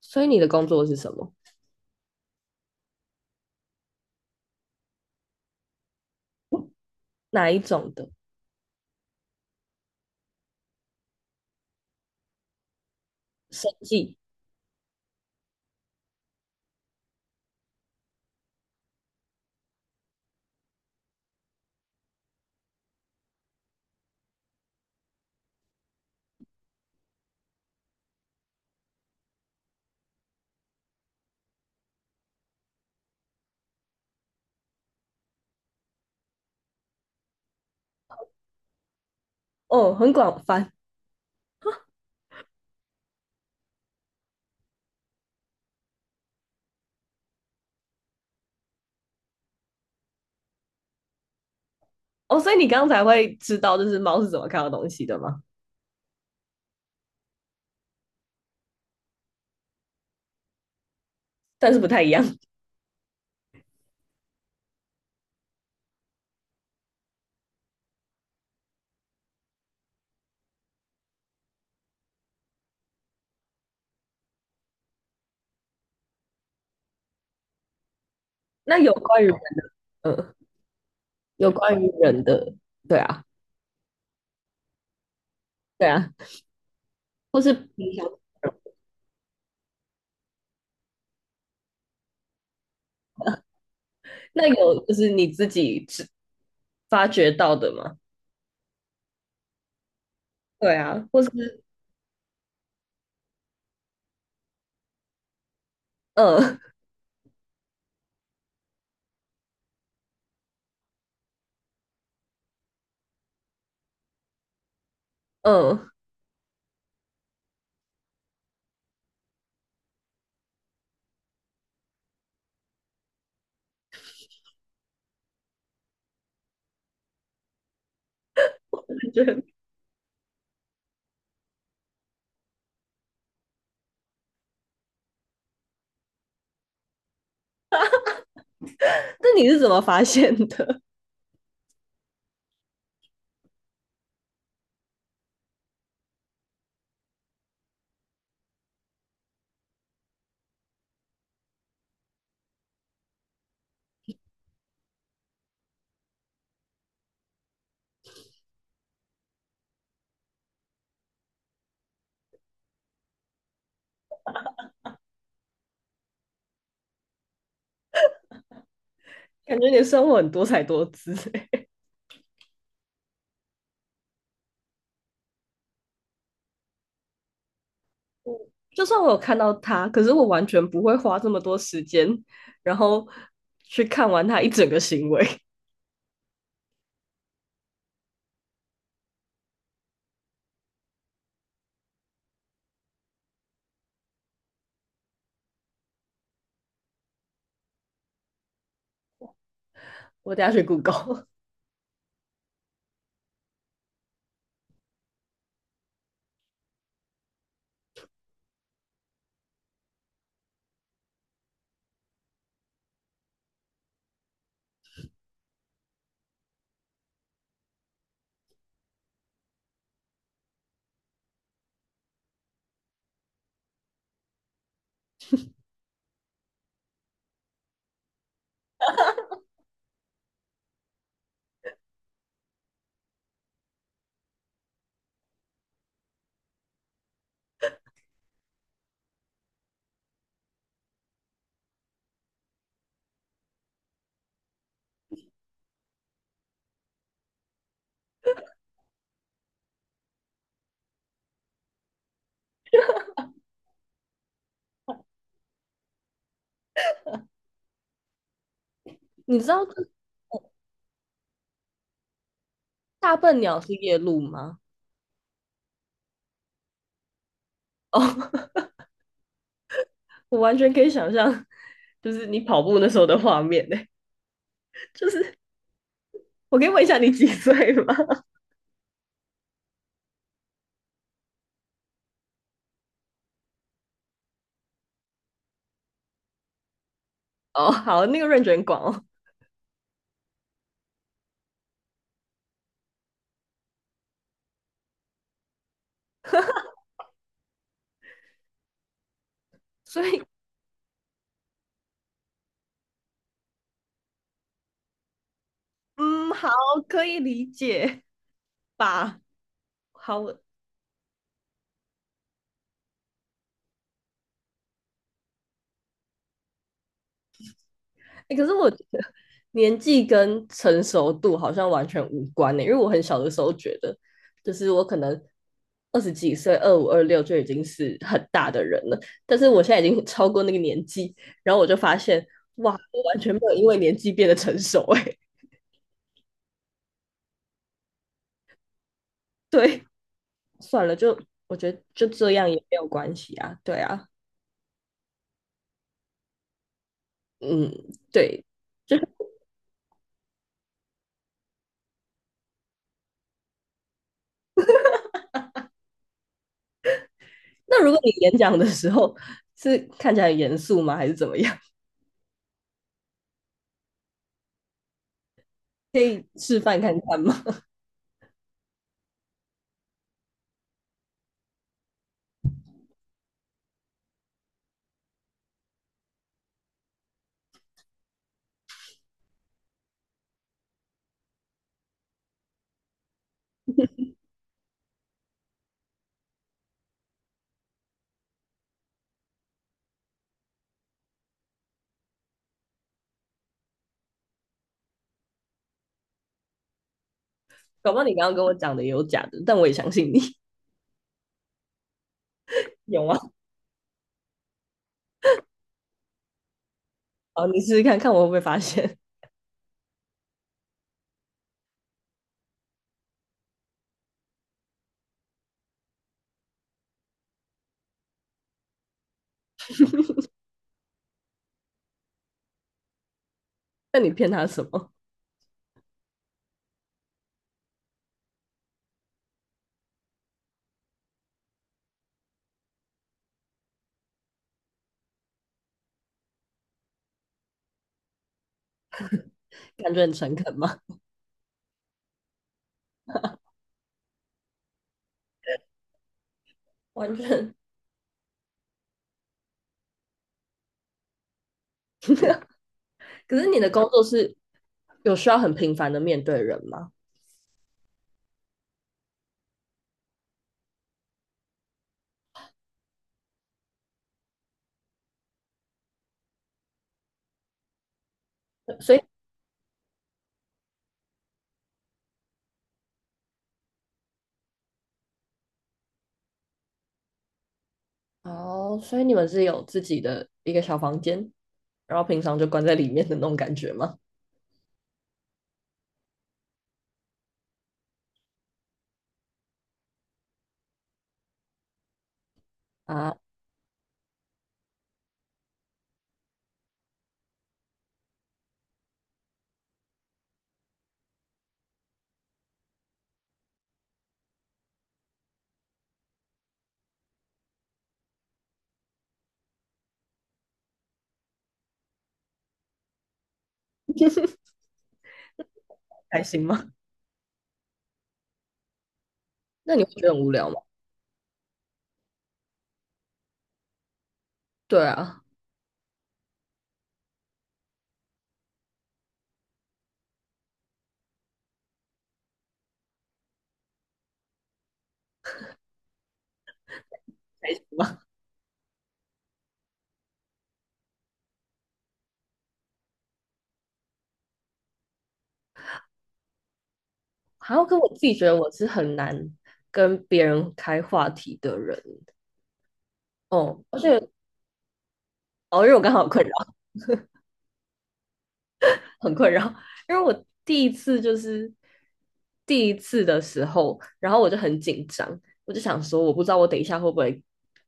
所以你的工作是什么？哪一种的？生计？哦，很广泛哦。所以你刚才会知道，这是猫是怎么看到东西的吗？但是不太一样。那有关于人，嗯，有关于人的，对啊，对啊，或是平常人，那有就是你自己知发掘到的吗？对啊，或是嗯嗯，感觉那你是怎么发现的？感觉你的生活很多才多姿欸。就算我有看到它，可是我完全不会花这么多时间，然后去看完它一整个行为。我等一下去 Google。你知道大笨鸟是夜鹭吗？哦、oh， 我完全可以想象，就是你跑步那时候的画面呢、就是我可以问一下你几岁吗？哦，oh， 好，那个 r a n 很广哦。所以嗯，好，可以理解吧？好，欸可是我觉得年纪跟成熟度好像完全无关呢、欸因为我很小的时候觉得，就是我可能二十几岁、25、26就已经是很大的人了，但是我现在已经超过那个年纪，然后我就发现，哇，我完全没有因为年纪变得成熟哎、欸 对，算了，就我觉得就这样也没有关系啊，对啊，嗯，对，就那如果你演讲的时候是看起来很严肃吗？还是怎么样？可以示范看看吗？宝宝，你刚刚跟我讲的也有假的，但我也相信你 有吗？好，你试试看看我会不会发现。那你骗他什么？感觉很诚恳吗？完全 可是你的工作是有需要很频繁的面对人吗？所以哦，所以你们是有自己的一个小房间，然后平常就关在里面的那种感觉吗？啊，开心吗？那你会觉得很无聊吗？对啊，开心吗？还要跟我自己觉得我是很难跟别人开话题的人哦，而且哦，因为我刚好有困扰，很困扰，因为我第一次就是第一次的时候，然后我就很紧张，我就想说，我不知道我等一下会不会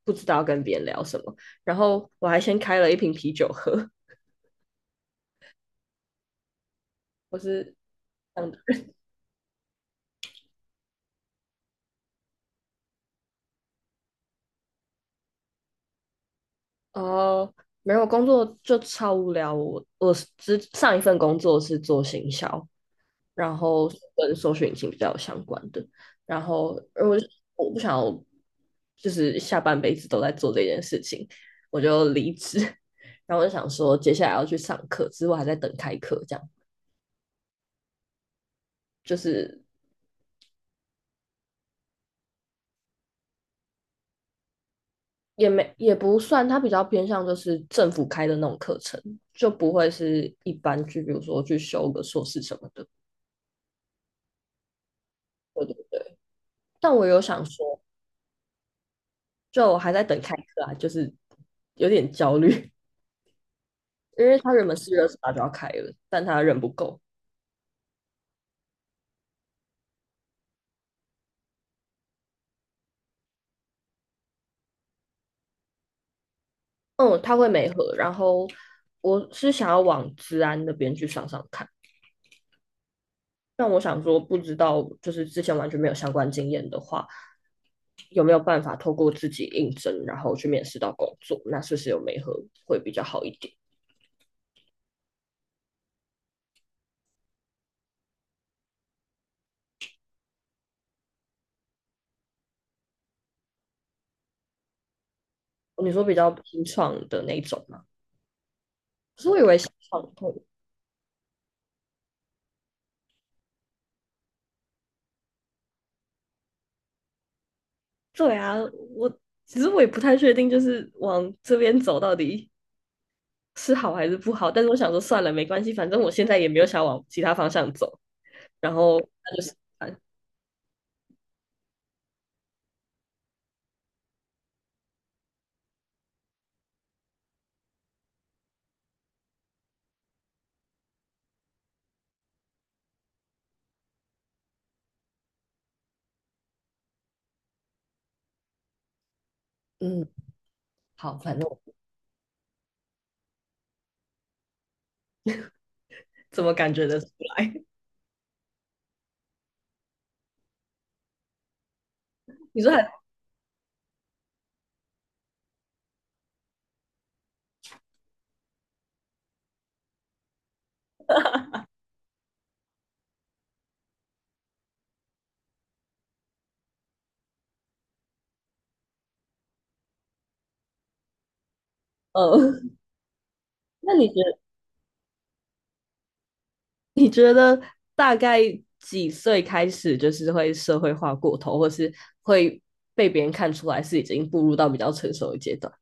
不知道要跟别人聊什么，然后我还先开了一瓶啤酒喝，我是这样的人哦。没有，工作就超无聊，我之上一份工作是做行销，然后跟搜寻引擎比较有相关的。然后我就我不想要就是下半辈子都在做这件事情，我就离职。然后我就想说，接下来要去上课，之后还在等开课，这样就是也不算，它比较偏向就是政府开的那种课程，就不会是一般去，比如说去修个硕士什么的。我就但我有想说，就我还在等开课啊，就是有点焦虑，因为他原本4月28就要开了，但他人不够。嗯，他会没合，然后我是想要往治安那边去上上看，但我想说，不知道就是之前完全没有相关经验的话，有没有办法透过自己应征，然后去面试到工作？那是不是有媒合会比较好一点？你说比较新创的那种吗？可是我以为新创会对啊，我其实我也不太确定，就是往这边走到底是好还是不好。但是我想说，算了，没关系，反正我现在也没有想往其他方向走，然后那就是。嗯，好，反正我怎么感觉得出来？你说还，呃 那你觉得大概几岁开始就是会社会化过头，或是会被别人看出来是已经步入到比较成熟的阶段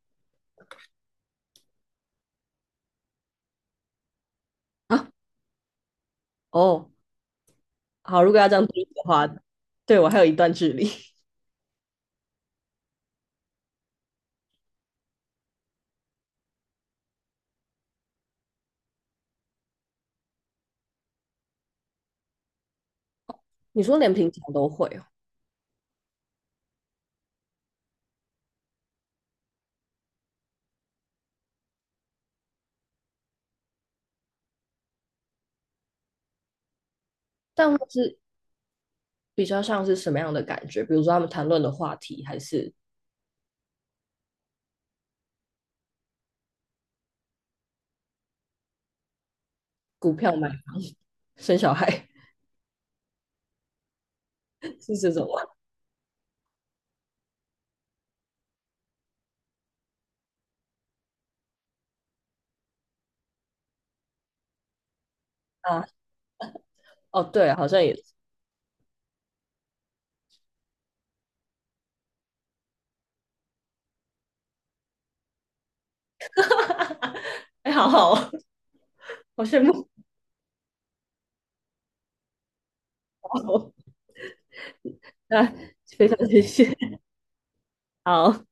啊？哦，好，如果要这样比的话，对我还有一段距离。你说连平常都会哦，但会是比较像是什么样的感觉？比如说他们谈论的话题，还是股票吗？生小孩，是这种吗？啊，哦，对，好像也是，哎、好好哦，好羡慕。那非常谢谢，好。